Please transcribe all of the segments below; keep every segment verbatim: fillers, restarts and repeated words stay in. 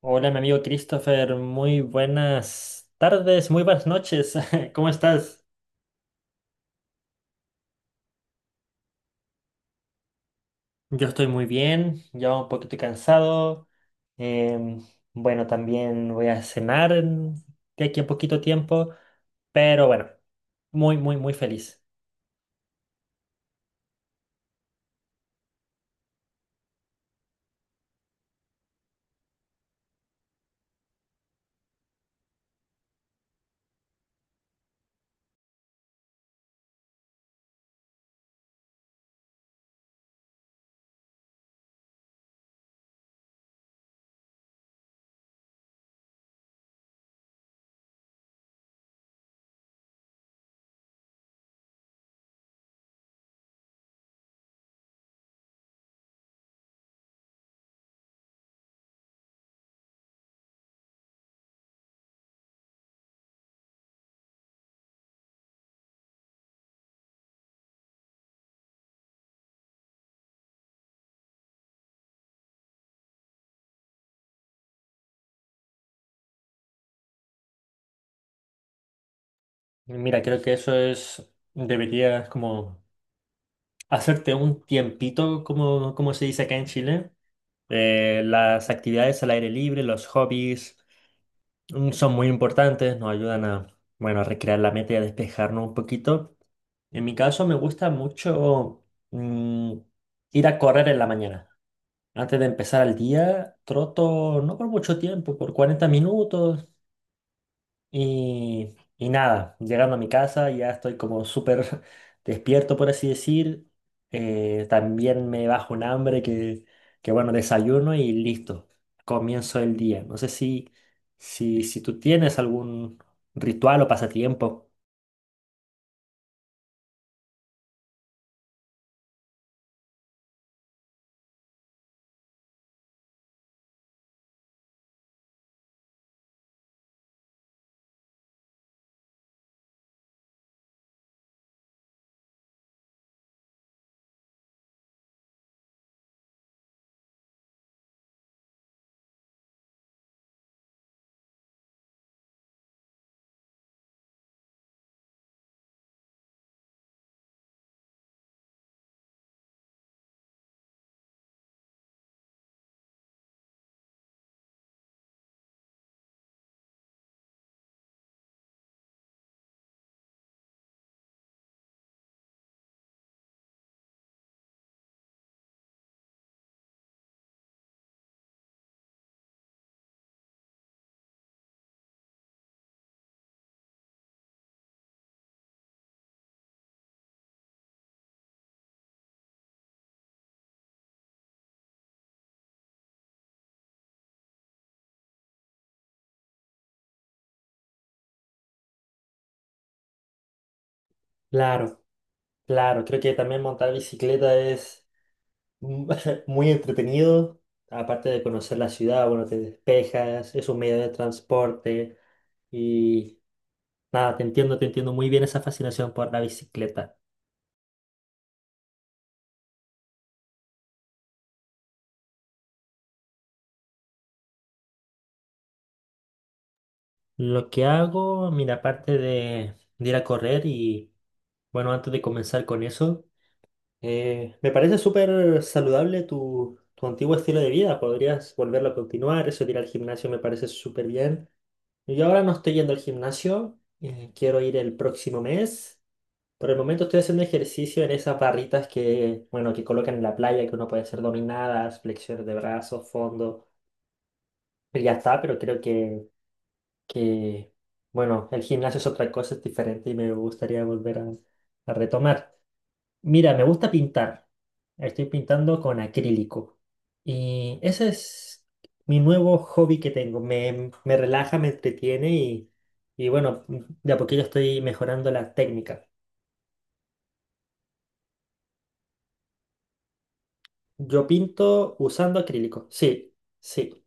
Hola, mi amigo Christopher, muy buenas tardes, muy buenas noches. ¿Cómo estás? Yo estoy muy bien, ya un poquito cansado. em, bueno, también voy a cenar en- de aquí a poquito tiempo, pero bueno, muy, muy, muy feliz. Mira, creo que eso es, deberías como hacerte un tiempito, como, como se dice acá en Chile. Eh, las actividades al aire libre, los hobbies. Mm, Son muy importantes, nos ayudan a, bueno, a recrear la mente y a despejarnos un poquito. En mi caso me gusta mucho mm, ir a correr en la mañana. Antes de empezar el día, troto no por mucho tiempo, por cuarenta minutos, y, y nada, llegando a mi casa ya estoy como súper despierto, por así decir. Eh, también me bajo un hambre que, que, bueno, desayuno y listo. Comienzo el día. No sé si, si, si tú tienes algún ritual o pasatiempo. Claro, claro. Creo que también montar bicicleta es mu- muy entretenido. Aparte de conocer la ciudad, bueno, te despejas, es un medio de transporte. Nada, te entiendo, te entiendo muy bien esa fascinación por la bicicleta. Lo que hago, mira, aparte de, de ir a correr y, bueno, antes de comenzar con eso, eh, me parece súper saludable tu, tu antiguo estilo de vida. Podrías volverlo a continuar, eso de ir al gimnasio me parece súper bien. Yo ahora no estoy yendo al gimnasio, eh, quiero ir el próximo mes. Por el momento estoy haciendo ejercicio en esas barritas que, bueno, que colocan en la playa, que uno puede hacer dominadas, flexiones de brazos, fondo. Y ya está, pero creo que que, bueno, el gimnasio es otra cosa, es diferente y me gustaría volver a, a retomar. Mira, me gusta pintar. Estoy pintando con acrílico. Y ese es mi nuevo hobby que tengo. Me, me relaja, me entretiene y, y bueno, de a poquillo estoy mejorando la técnica. Yo pinto usando acrílico. Sí, sí.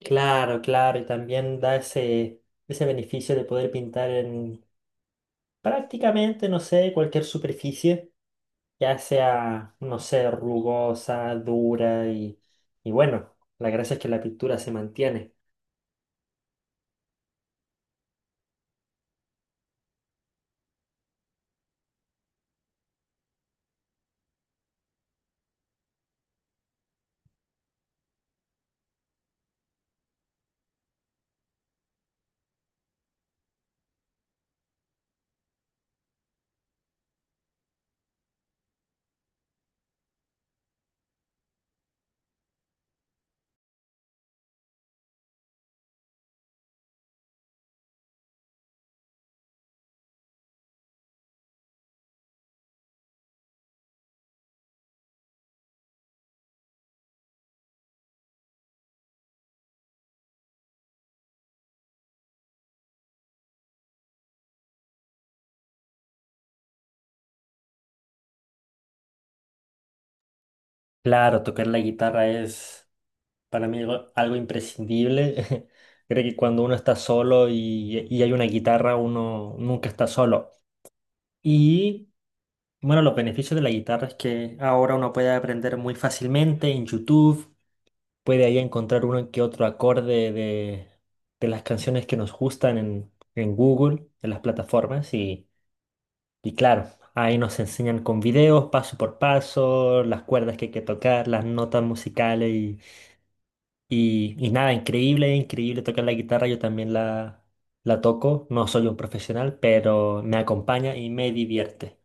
Claro, claro. Y también da ese, ese beneficio de poder pintar en prácticamente, no sé, cualquier superficie. Ya sea, no sé, rugosa, dura y, y bueno, la gracia es que la pintura se mantiene. Claro, tocar la guitarra es para mí algo, algo imprescindible. Creo que cuando uno está solo y, y hay una guitarra, uno nunca está solo. Y bueno, los beneficios de la guitarra es que ahora uno puede aprender muy fácilmente en YouTube, puede ahí encontrar uno que otro acorde de, de las canciones que nos gustan en, en Google, en las plataformas y... Y claro, ahí nos enseñan con videos, paso por paso, las cuerdas que hay que tocar, las notas musicales y, y, y nada, increíble, increíble tocar la guitarra. Yo también la, la toco, no soy un profesional, pero me acompaña y me divierte.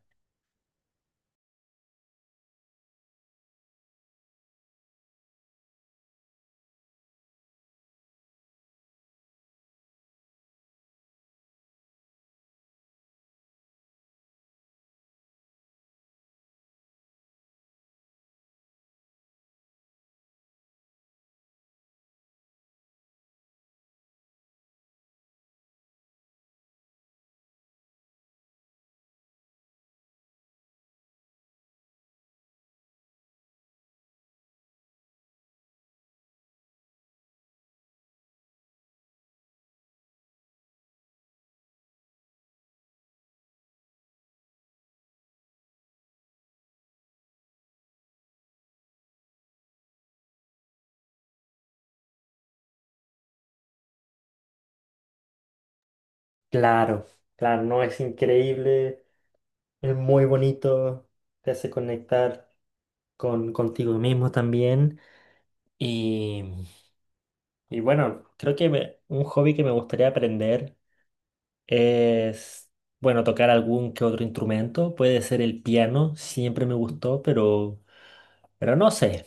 Claro, claro, no es increíble, es muy bonito, te hace conectar con contigo mismo también. Y, y bueno, creo que me- un hobby que me gustaría aprender. Es, bueno, tocar algún que otro instrumento. Puede ser el piano, siempre me gustó, pero, pero no sé.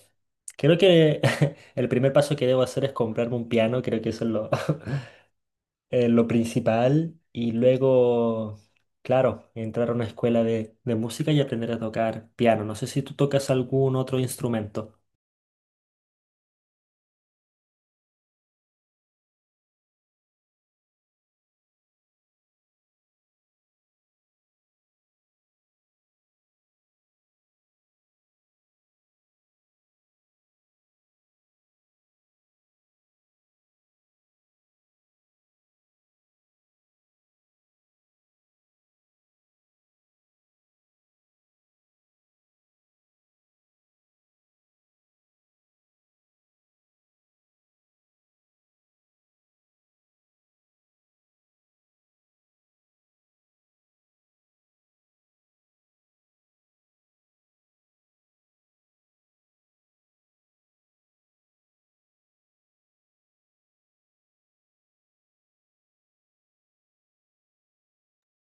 Creo que el primer paso que debo hacer es comprarme un piano, creo que eso es lo, eh, lo principal. Y luego, claro, entrar a una escuela de, de música y aprender a tocar piano. No sé si tú tocas algún otro instrumento.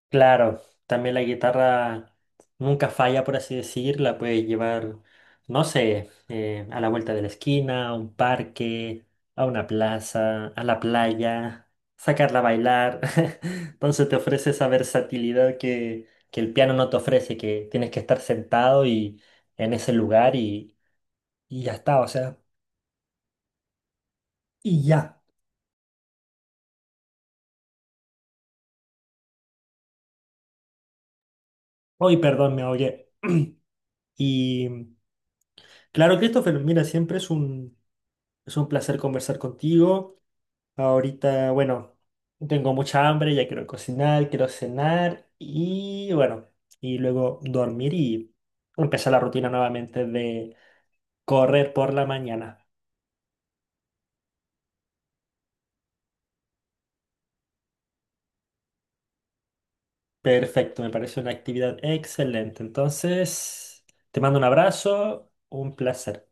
Claro, también la guitarra nunca falla, por así decir, la puedes llevar, no sé, eh, a la vuelta de la esquina, a un parque, a una plaza, a la playa, sacarla a bailar. Entonces te ofrece esa versatilidad que, que el piano no te ofrece, que tienes que estar sentado y en ese lugar y, y ya está, o sea, y ya. Hoy, perdón, me oye. Y claro, Christopher, mira, siempre es un, es un placer conversar contigo. Ahorita, bueno, tengo mucha hambre, ya quiero cocinar, quiero cenar y bueno, y luego dormir y empezar la rutina nuevamente de correr por la mañana. Perfecto, me parece una actividad excelente. Entonces, te mando un abrazo, un placer.